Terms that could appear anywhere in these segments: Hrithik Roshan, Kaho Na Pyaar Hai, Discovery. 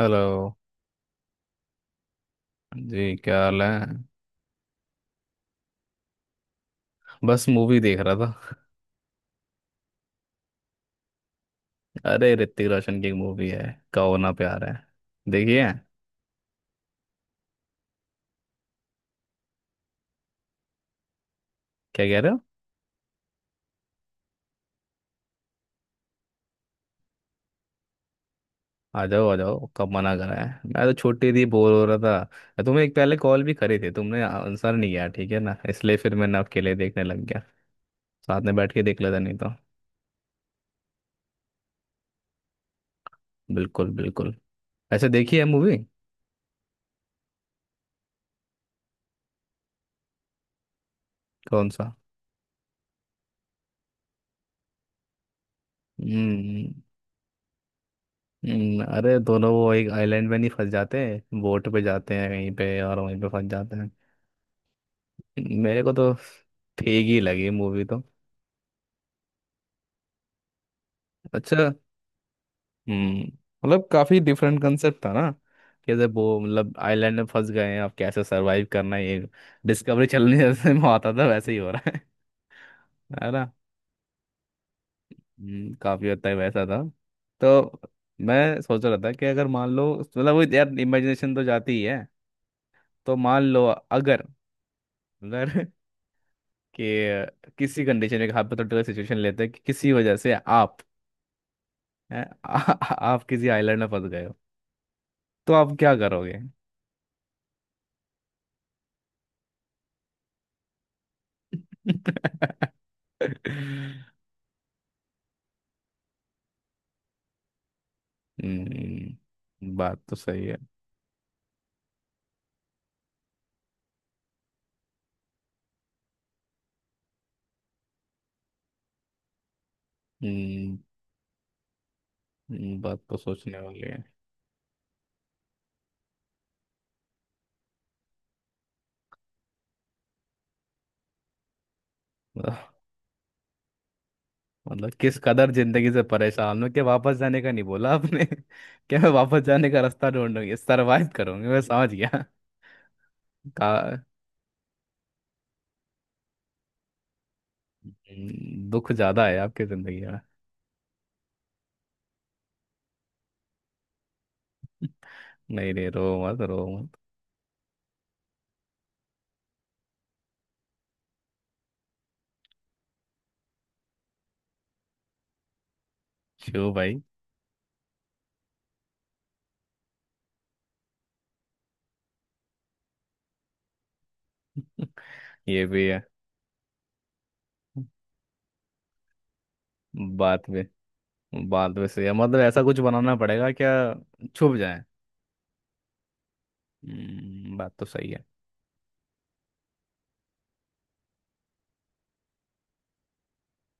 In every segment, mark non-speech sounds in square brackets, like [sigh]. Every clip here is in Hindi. हेलो जी। क्या हाल है। बस मूवी देख रहा था। अरे ऋतिक रोशन की एक मूवी है। कहो ना प्यार है। देखिए। क्या कह रहे हो। आ जाओ आ जाओ, कब मना करा है। मैं तो छोटी थी, बोर हो रहा था। मैं तुम्हें एक पहले कॉल भी करी थी, तुमने आंसर नहीं किया, ठीक है ना, इसलिए फिर मैं ना अकेले देखने लग गया। साथ में बैठ के देख लेता नहीं तो। बिल्कुल बिल्कुल। ऐसे देखी है मूवी। कौन सा। हम्म। अरे दोनों वो एक आइलैंड में नहीं फंस जाते। बोट पे जाते हैं कहीं पे और वहीं पे फंस जाते हैं। मेरे को तो। ठीक ही लगी मूवी तो। अच्छा। हम्म। मतलब काफी डिफरेंट कंसेप्ट था ना। कैसे वो मतलब आइलैंड में फंस गए हैं, अब कैसे सरवाइव करना है, ये। डिस्कवरी चलने जैसे में आता था वैसे ही हो रहा है। है ना। काफी हद तक वैसा था। तो मैं सोच रहा था कि अगर मान लो मतलब वो यार इमेजिनेशन तो जाती ही है। तो मान लो। अगर अगर [laughs] कि किसी कंडीशन में हाइपोथेटिकल सिचुएशन लेते हैं कि किसी वजह से आप। हैं? [laughs] आ, आ- आप किसी आइलैंड में फंस गए हो। तो आप क्या करोगे। [laughs] बात तो सही है। हम्म। बात तो सोचने वाली है [laughs] वाह। मतलब किस कदर जिंदगी से परेशान हो कि वापस जाने का नहीं बोला आपने [laughs] क्या मैं वापस जाने का रास्ता ढूंढूंगी सरवाइव करूंगी, मैं समझ गया [laughs] का। दुख ज्यादा है आपकी जिंदगी में। नहीं नहीं रो मत रो मत। शिव भाई। [laughs] ये भी है। बात भी बात भी सही है, मतलब ऐसा कुछ बनाना पड़ेगा क्या, छुप जाए। बात तो सही है।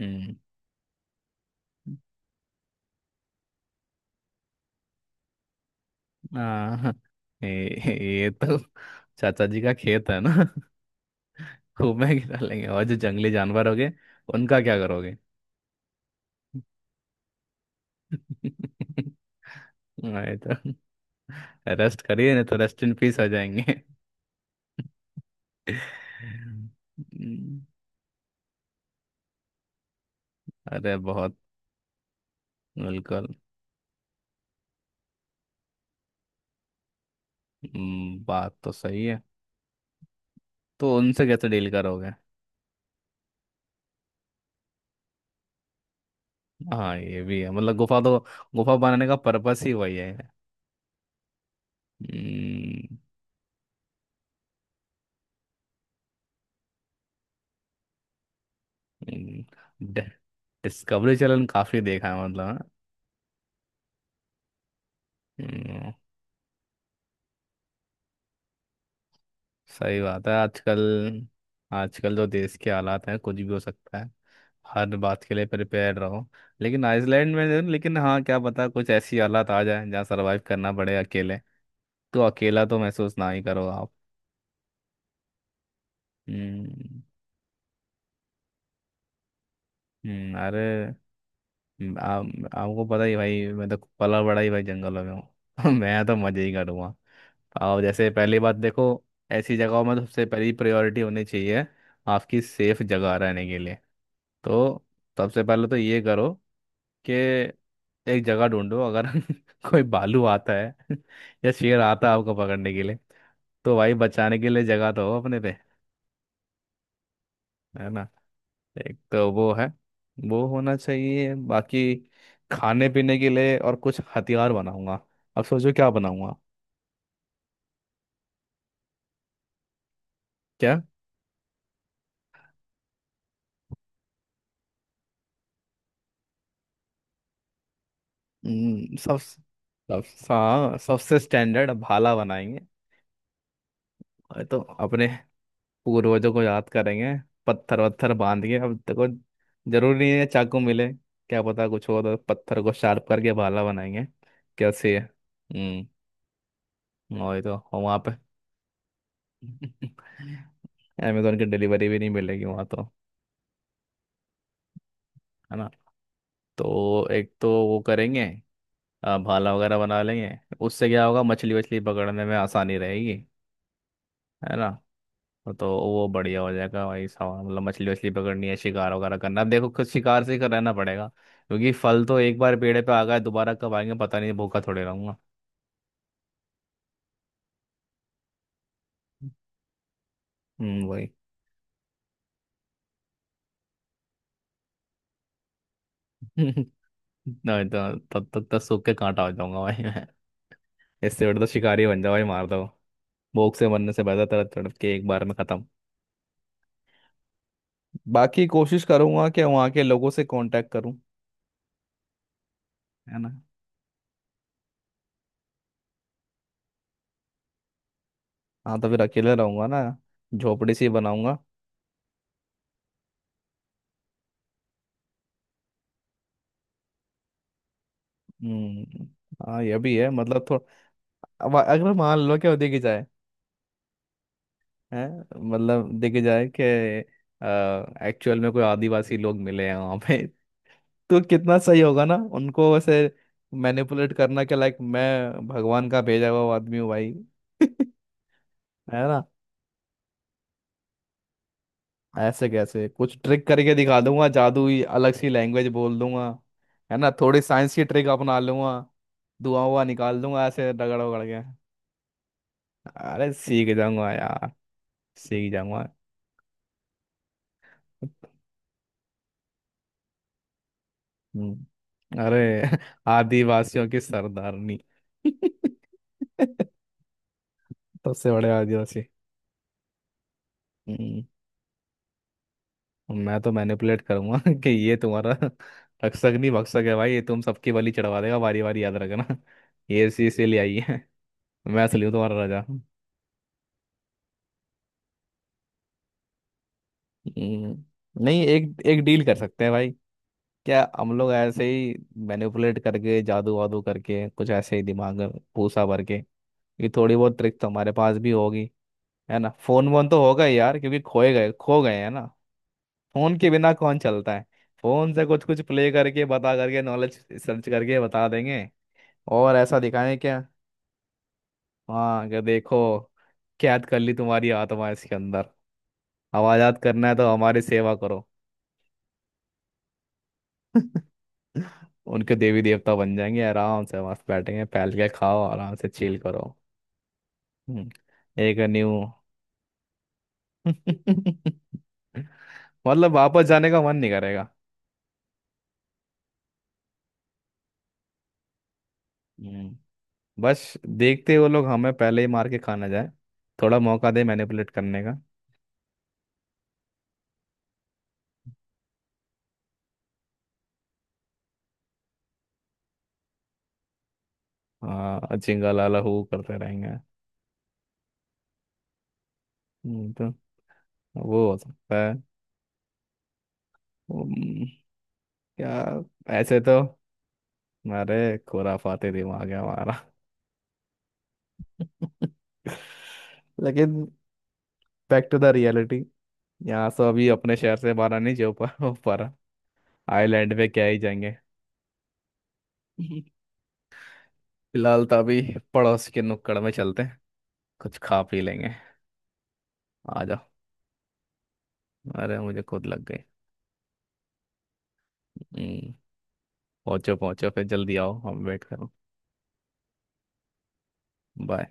हम्म। आ, ये तो चाचा जी का खेत है ना। खूब में गिरा लेंगे, और जो जंगली जानवर हो गए उनका क्या करोगे। [laughs] हाँ, ये तो। रेस्ट करिए नहीं तो रेस्ट इन पीस हो जाएंगे। हम्म, अरे बहुत। बिल्कुल। बात तो सही है। तो उनसे कैसे डील करोगे। हाँ ये भी है, मतलब गुफा तो गुफा बनाने का पर्पस ही वही है। हम्म। हम्म। डि- डिस्कवरी चैनल काफी देखा है मतलब हाँ? हम्म। सही बात है। आजकल आजकल जो देश के हालात हैं, कुछ भी हो सकता है, हर बात के लिए प्रिपेयर रहो। लेकिन आइसलैंड में लेकिन हाँ क्या पता कुछ ऐसी हालात आ जाए जहाँ सरवाइव करना पड़े अकेले। तो अकेला तो महसूस ना ही करो आप। हम्म। अरे। आप आपको पता ही भाई, मैं तो पला बड़ा ही भाई जंगलों में हूँ [laughs] मैं तो मजे ही करूँगा। आप जैसे पहली बात देखो, ऐसी जगहों में तो सबसे पहली प्रायोरिटी होनी चाहिए आपकी सेफ जगह रहने के लिए। तो सबसे पहले तो ये करो कि एक जगह ढूंढो, अगर [laughs] कोई भालू आता है [laughs] या शेर आता है आपको पकड़ने के लिए, तो भाई बचाने के लिए जगह तो हो अपने पे। है ना। एक तो वो है, वो होना चाहिए, बाकी खाने पीने के लिए और कुछ हथियार बनाऊंगा, अब सोचो क्या बनाऊंगा। क्या। सब सब हाँ, सबसे स्टैंडर्ड भाला बनाएंगे। और तो अपने पूर्वजों को याद करेंगे, पत्थर वत्थर बांध के, अब देखो जरूरी नहीं है चाकू मिले, क्या पता कुछ हो, तो पत्थर को शार्प करके भाला बनाएंगे। कैसे है। हम्म वही तो। और वहाँ पे [laughs] अमेजोन की डिलीवरी भी नहीं मिलेगी वहाँ तो। है ना। तो एक तो वो करेंगे। भाला वगैरह बना लेंगे। उससे क्या होगा, मछली वछली पकड़ने में आसानी रहेगी। है ना। तो वो बढ़िया हो जाएगा भाई साहब, मतलब मछली वछली पकड़नी है, शिकार वगैरह करना, अब देखो कुछ शिकार से ही कर रहना पड़ेगा क्योंकि फल तो एक बार पेड़ पे आ गया, दोबारा कब आएंगे पता नहीं, भूखा थोड़े रहूंगा। वही [laughs] नहीं तो तब तक तो सूख के कांटा हो जाऊंगा भाई मैं। इससे बेटर तो शिकारी बन जाओ भाई, मार दो, भूख से मरने से बेहतर तड़प तड़प के एक बार में खत्म। बाकी कोशिश करूंगा कि वहाँ के लोगों से कांटेक्ट करूँ। है ना। हाँ, तो फिर अकेले रहूंगा ना, झोपड़ी सी बनाऊंगा। हम्म। हाँ ये भी है, मतलब थोड़ा। अब अगर मान लो कि वो देखी जाए है, मतलब देखी जाए कि एक्चुअल में कोई आदिवासी लोग मिले हैं वहाँ पे [laughs] तो कितना सही होगा ना उनको वैसे मैनिपुलेट करना कि लाइक मैं भगवान का भेजा हुआ आदमी हूँ भाई [laughs] है ना। ऐसे कैसे, कुछ ट्रिक करके दिखा दूंगा, जादू ही अलग सी लैंग्वेज बोल दूंगा। है ना, थोड़ी साइंस की ट्रिक अपना लूंगा। धुआं हुआ निकाल दूंगा ऐसे रगड़ वगड़ के। अरे सीख जाऊंगा यार, सीख जाऊंगा। हम्म, अरे [laughs] आदिवासियों की सरदारनी [laughs] सबसे बड़े आदिवासी। हम्म, मैं तो मैनिपुलेट करूंगा [laughs] कि ये तुम्हारा [laughs] रक्षक नहीं भक्षक है भाई, ये तुम सबकी बलि चढ़वा देगा बारी बारी, याद रखना। [laughs] ये इसीलिए आई है [laughs] मैं असली हूँ तुम्हारा राजा। हम्म, नहीं एक एक डील कर सकते हैं भाई। क्या हम लोग ऐसे ही मैनिपुलेट करके जादू वादू करके कुछ ऐसे ही दिमाग में पूसा भर के, ये थोड़ी बहुत ट्रिक तो हमारे पास भी होगी। है ना, फोन वोन तो होगा ही यार, क्योंकि खोए गए खो गए हैं ना। फोन के बिना कौन चलता है। फोन से कुछ कुछ प्ले करके, बता करके, नॉलेज सर्च करके बता देंगे। और ऐसा दिखाएं क्या। हाँ कि देखो, कैद कर ली तुम्हारी आत्मा इसके अंदर। आवाजात करना है तो हमारी सेवा करो। [laughs] उनके देवी देवता बन जाएंगे, आराम से मस्त बैठेंगे, फैल के खाओ, आराम से चिल करो। हम्म, एक न्यू [laughs] मतलब वापस जाने का मन नहीं करेगा। हम्म, बस देखते वो लोग हमें पहले ही मार के खा ना जाए, थोड़ा मौका दे मैनिपुलेट करने का। हाँ चिंगा लाला हू करते रहेंगे। तो वो हो सकता है। हम्म, क्या, ऐसे तो, अरे खुराफाते दिमाग है हमारा [laughs] लेकिन बैक टू द रियलिटी, यहाँ से अभी अपने शहर से बाहर नहीं जा पा हो पा रहा, आइलैंड पे क्या ही जाएंगे [laughs] फिलहाल तो अभी पड़ोस के नुक्कड़ में चलते हैं, कुछ खा पी लेंगे। आ जाओ। अरे मुझे खुद लग गई। हम्म, पहुंचो पहुंचो फिर जल्दी आओ, हम वेट करो। बाय।